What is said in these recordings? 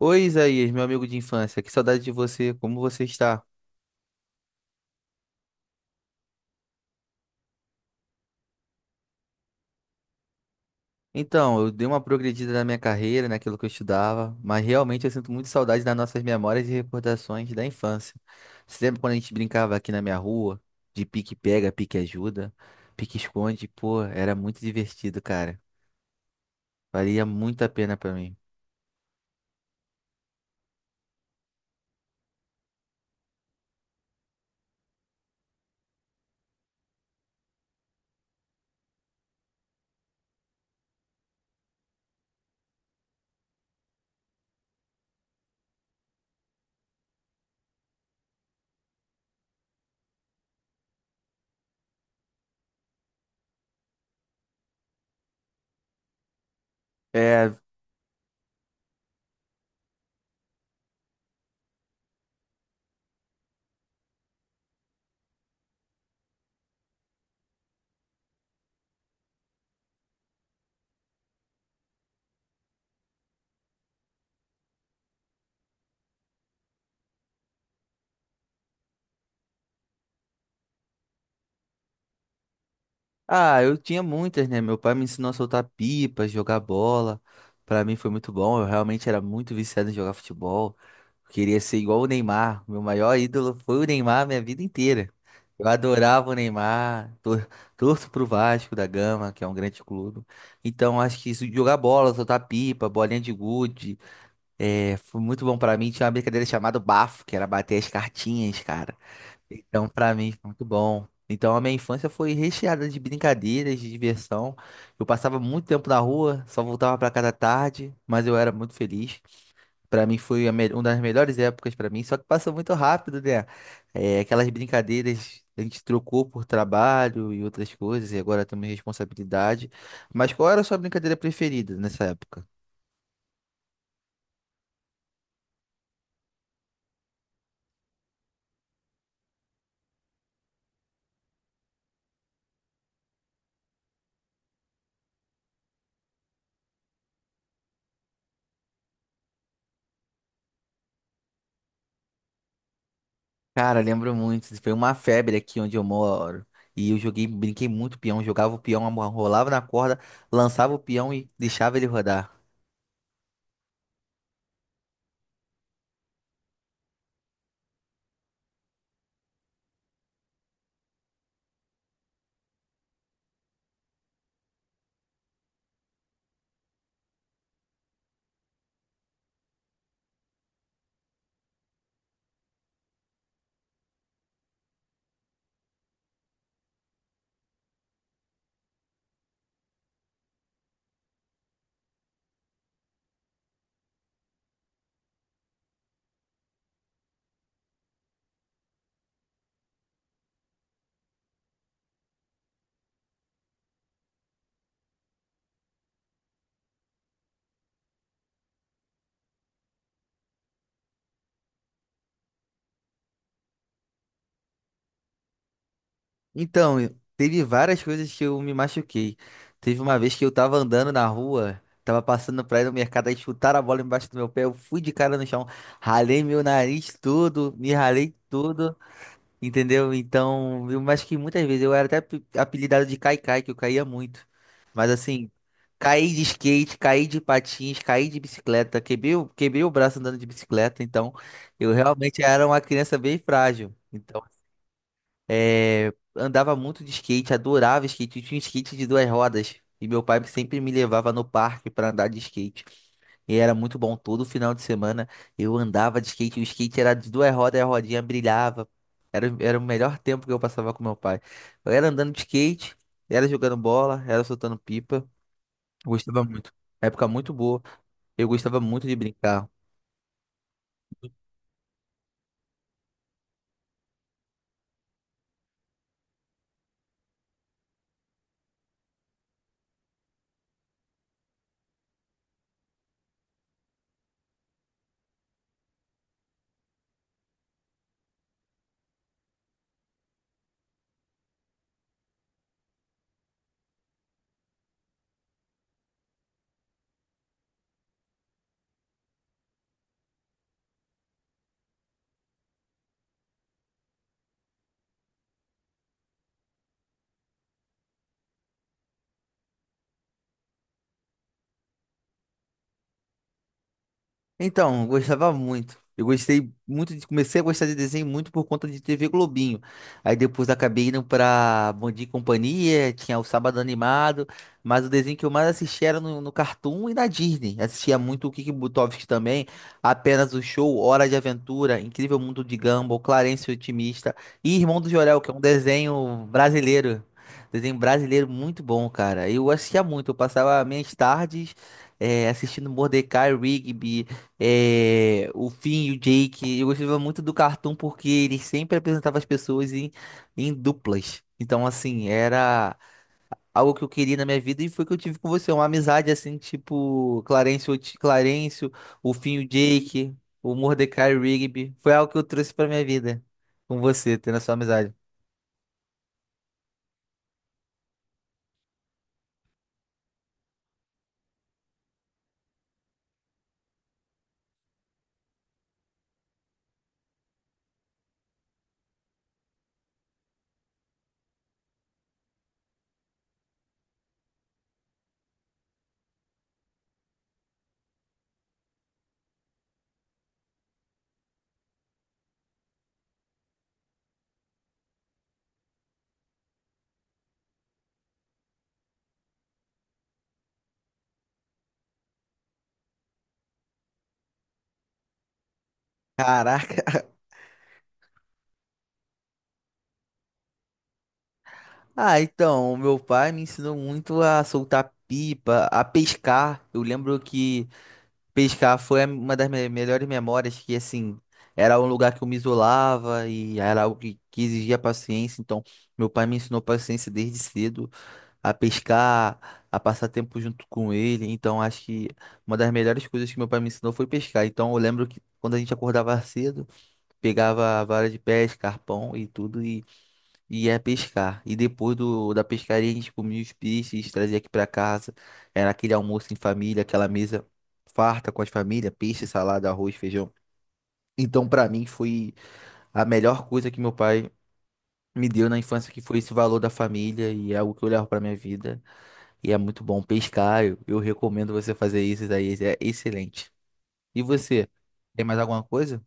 Oi, Isaías, meu amigo de infância, que saudade de você, como você está? Então, eu dei uma progredida na minha carreira, naquilo que eu estudava, mas realmente eu sinto muito saudade das nossas memórias e recordações da infância. Você lembra quando a gente brincava aqui na minha rua, de pique-pega, pique-ajuda, pique-esconde? Pô, era muito divertido, cara. Valia muito a pena pra mim. É. Ah, eu tinha muitas, né? Meu pai me ensinou a soltar pipa, jogar bola. Pra mim foi muito bom. Eu realmente era muito viciado em jogar futebol. Eu queria ser igual o Neymar. Meu maior ídolo foi o Neymar minha vida inteira. Eu adorava o Neymar. Torço pro Vasco da Gama, que é um grande clube. Então acho que isso, jogar bola, soltar pipa, bolinha de gude, foi muito bom pra mim. Tinha uma brincadeira chamada bafo, que era bater as cartinhas, cara. Então, pra mim, foi muito bom. Então, a minha infância foi recheada de brincadeiras, de diversão. Eu passava muito tempo na rua, só voltava pra casa tarde, mas eu era muito feliz. Pra mim foi a uma das melhores épocas pra mim, só que passou muito rápido, né? É, aquelas brincadeiras a gente trocou por trabalho e outras coisas, e agora temos responsabilidade. Mas qual era a sua brincadeira preferida nessa época? Cara, lembro muito. Foi uma febre aqui onde eu moro. E eu joguei, brinquei muito peão, jogava o peão, rolava na corda, lançava o peão e deixava ele rodar. Então, teve várias coisas que eu me machuquei. Teve uma vez que eu tava andando na rua, tava passando pra ir no mercado, aí chutaram a bola embaixo do meu pé, eu fui de cara no chão, ralei meu nariz todo, me ralei todo. Entendeu? Então, eu acho que muitas vezes eu era até apelidado de caicai que eu caía muito. Mas assim, caí de skate, caí de patins, caí de bicicleta, quebrei, quebrei o braço andando de bicicleta. Então, eu realmente era uma criança bem frágil. Então, andava muito de skate, adorava skate. Eu tinha um skate de duas rodas. E meu pai sempre me levava no parque para andar de skate. E era muito bom. Todo final de semana eu andava de skate. O skate era de duas rodas e a rodinha brilhava. Era o melhor tempo que eu passava com meu pai. Eu era andando de skate, era jogando bola, era soltando pipa. Eu gostava muito. Época muito boa. Eu gostava muito de brincar. Então, eu gostava muito. Eu gostei muito de. Comecei a gostar de desenho muito por conta de TV Globinho. Aí depois acabei indo pra Bom Dia e Companhia, tinha o Sábado Animado, mas o desenho que eu mais assistia era no Cartoon e na Disney. Assistia muito o Kiki Butovski também, Apenas o Show, Hora de Aventura, Incrível Mundo de Gumball, Clarence o Otimista e Irmão do Jorel, que é um desenho brasileiro. Desenho brasileiro muito bom, cara. Eu assistia muito, eu passava minhas tardes assistindo Mordecai, Rigby. É, o Finn e o Jake, eu gostava muito do cartoon porque ele sempre apresentava as pessoas em duplas. Então, assim, era algo que eu queria na minha vida e foi o que eu tive com você. Uma amizade, assim, tipo Clarence, o Finn e o Jake, o Mordecai e o Rigby. Foi algo que eu trouxe pra minha vida com você, tendo a sua amizade. Caraca. Ah, então, o meu pai me ensinou muito a soltar pipa, a pescar. Eu lembro que. Pescar foi uma das melhores memórias que, assim, era um lugar que eu me isolava e era algo que exigia paciência. Então, meu pai me ensinou paciência desde cedo, a pescar, a passar tempo junto com ele. Então, acho que uma das melhores coisas que meu pai me ensinou foi pescar. Então, eu lembro que quando a gente acordava cedo, pegava a vara de pesca, arpão e tudo, e ia pescar. E depois da pescaria a gente comia os peixes, trazia aqui pra casa. Era aquele almoço em família, aquela mesa farta com as famílias, peixe, salada, arroz, feijão. Então pra mim foi a melhor coisa que meu pai me deu na infância, que foi esse valor da família e é algo que eu levo pra minha vida. E é muito bom pescar, eu recomendo você fazer isso, daí é excelente. E você, tem mais alguma coisa?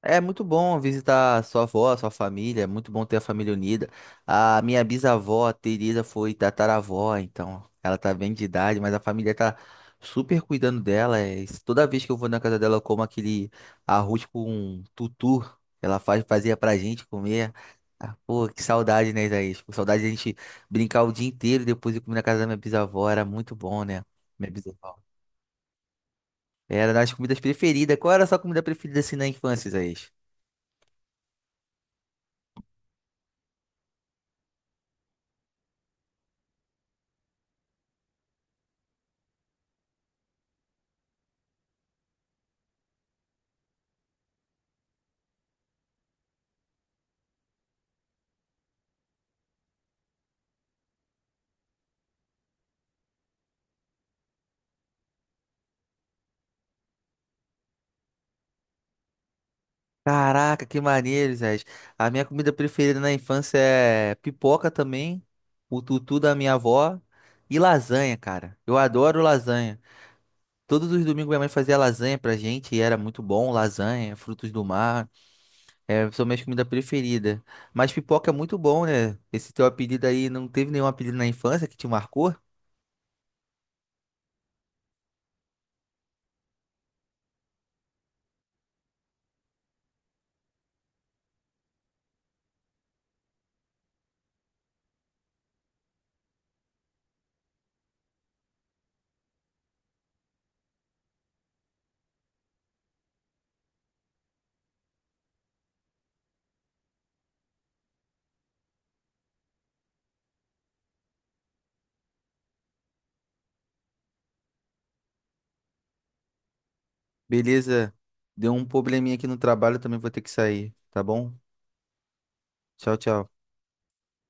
É muito bom visitar sua avó, sua família, é muito bom ter a família unida. A minha bisavó, a Teresa, foi tataravó, então ela tá bem de idade, mas a família tá super cuidando dela. É isso. Toda vez que eu vou na casa dela, eu como aquele arroz com tutu, fazia pra gente comer. Ah, pô, que saudade, né, Isaías? Pô, saudade de a gente brincar o dia inteiro e depois ir comer na casa da minha bisavó, era muito bom, né? Minha bisavó. Era das comidas preferidas. Qual era a sua comida preferida assim na infância, Isaías? Caraca, que maneiro, Zé. A minha comida preferida na infância é pipoca também, o tutu da minha avó e lasanha, cara. Eu adoro lasanha. Todos os domingos minha mãe fazia lasanha pra gente e era muito bom, lasanha, frutos do mar, são minhas comidas preferidas. Mas pipoca é muito bom, né? Esse teu apelido aí, não teve nenhum apelido na infância que te marcou? Beleza, deu um probleminha aqui no trabalho, também vou ter que sair, tá bom? Tchau, tchau.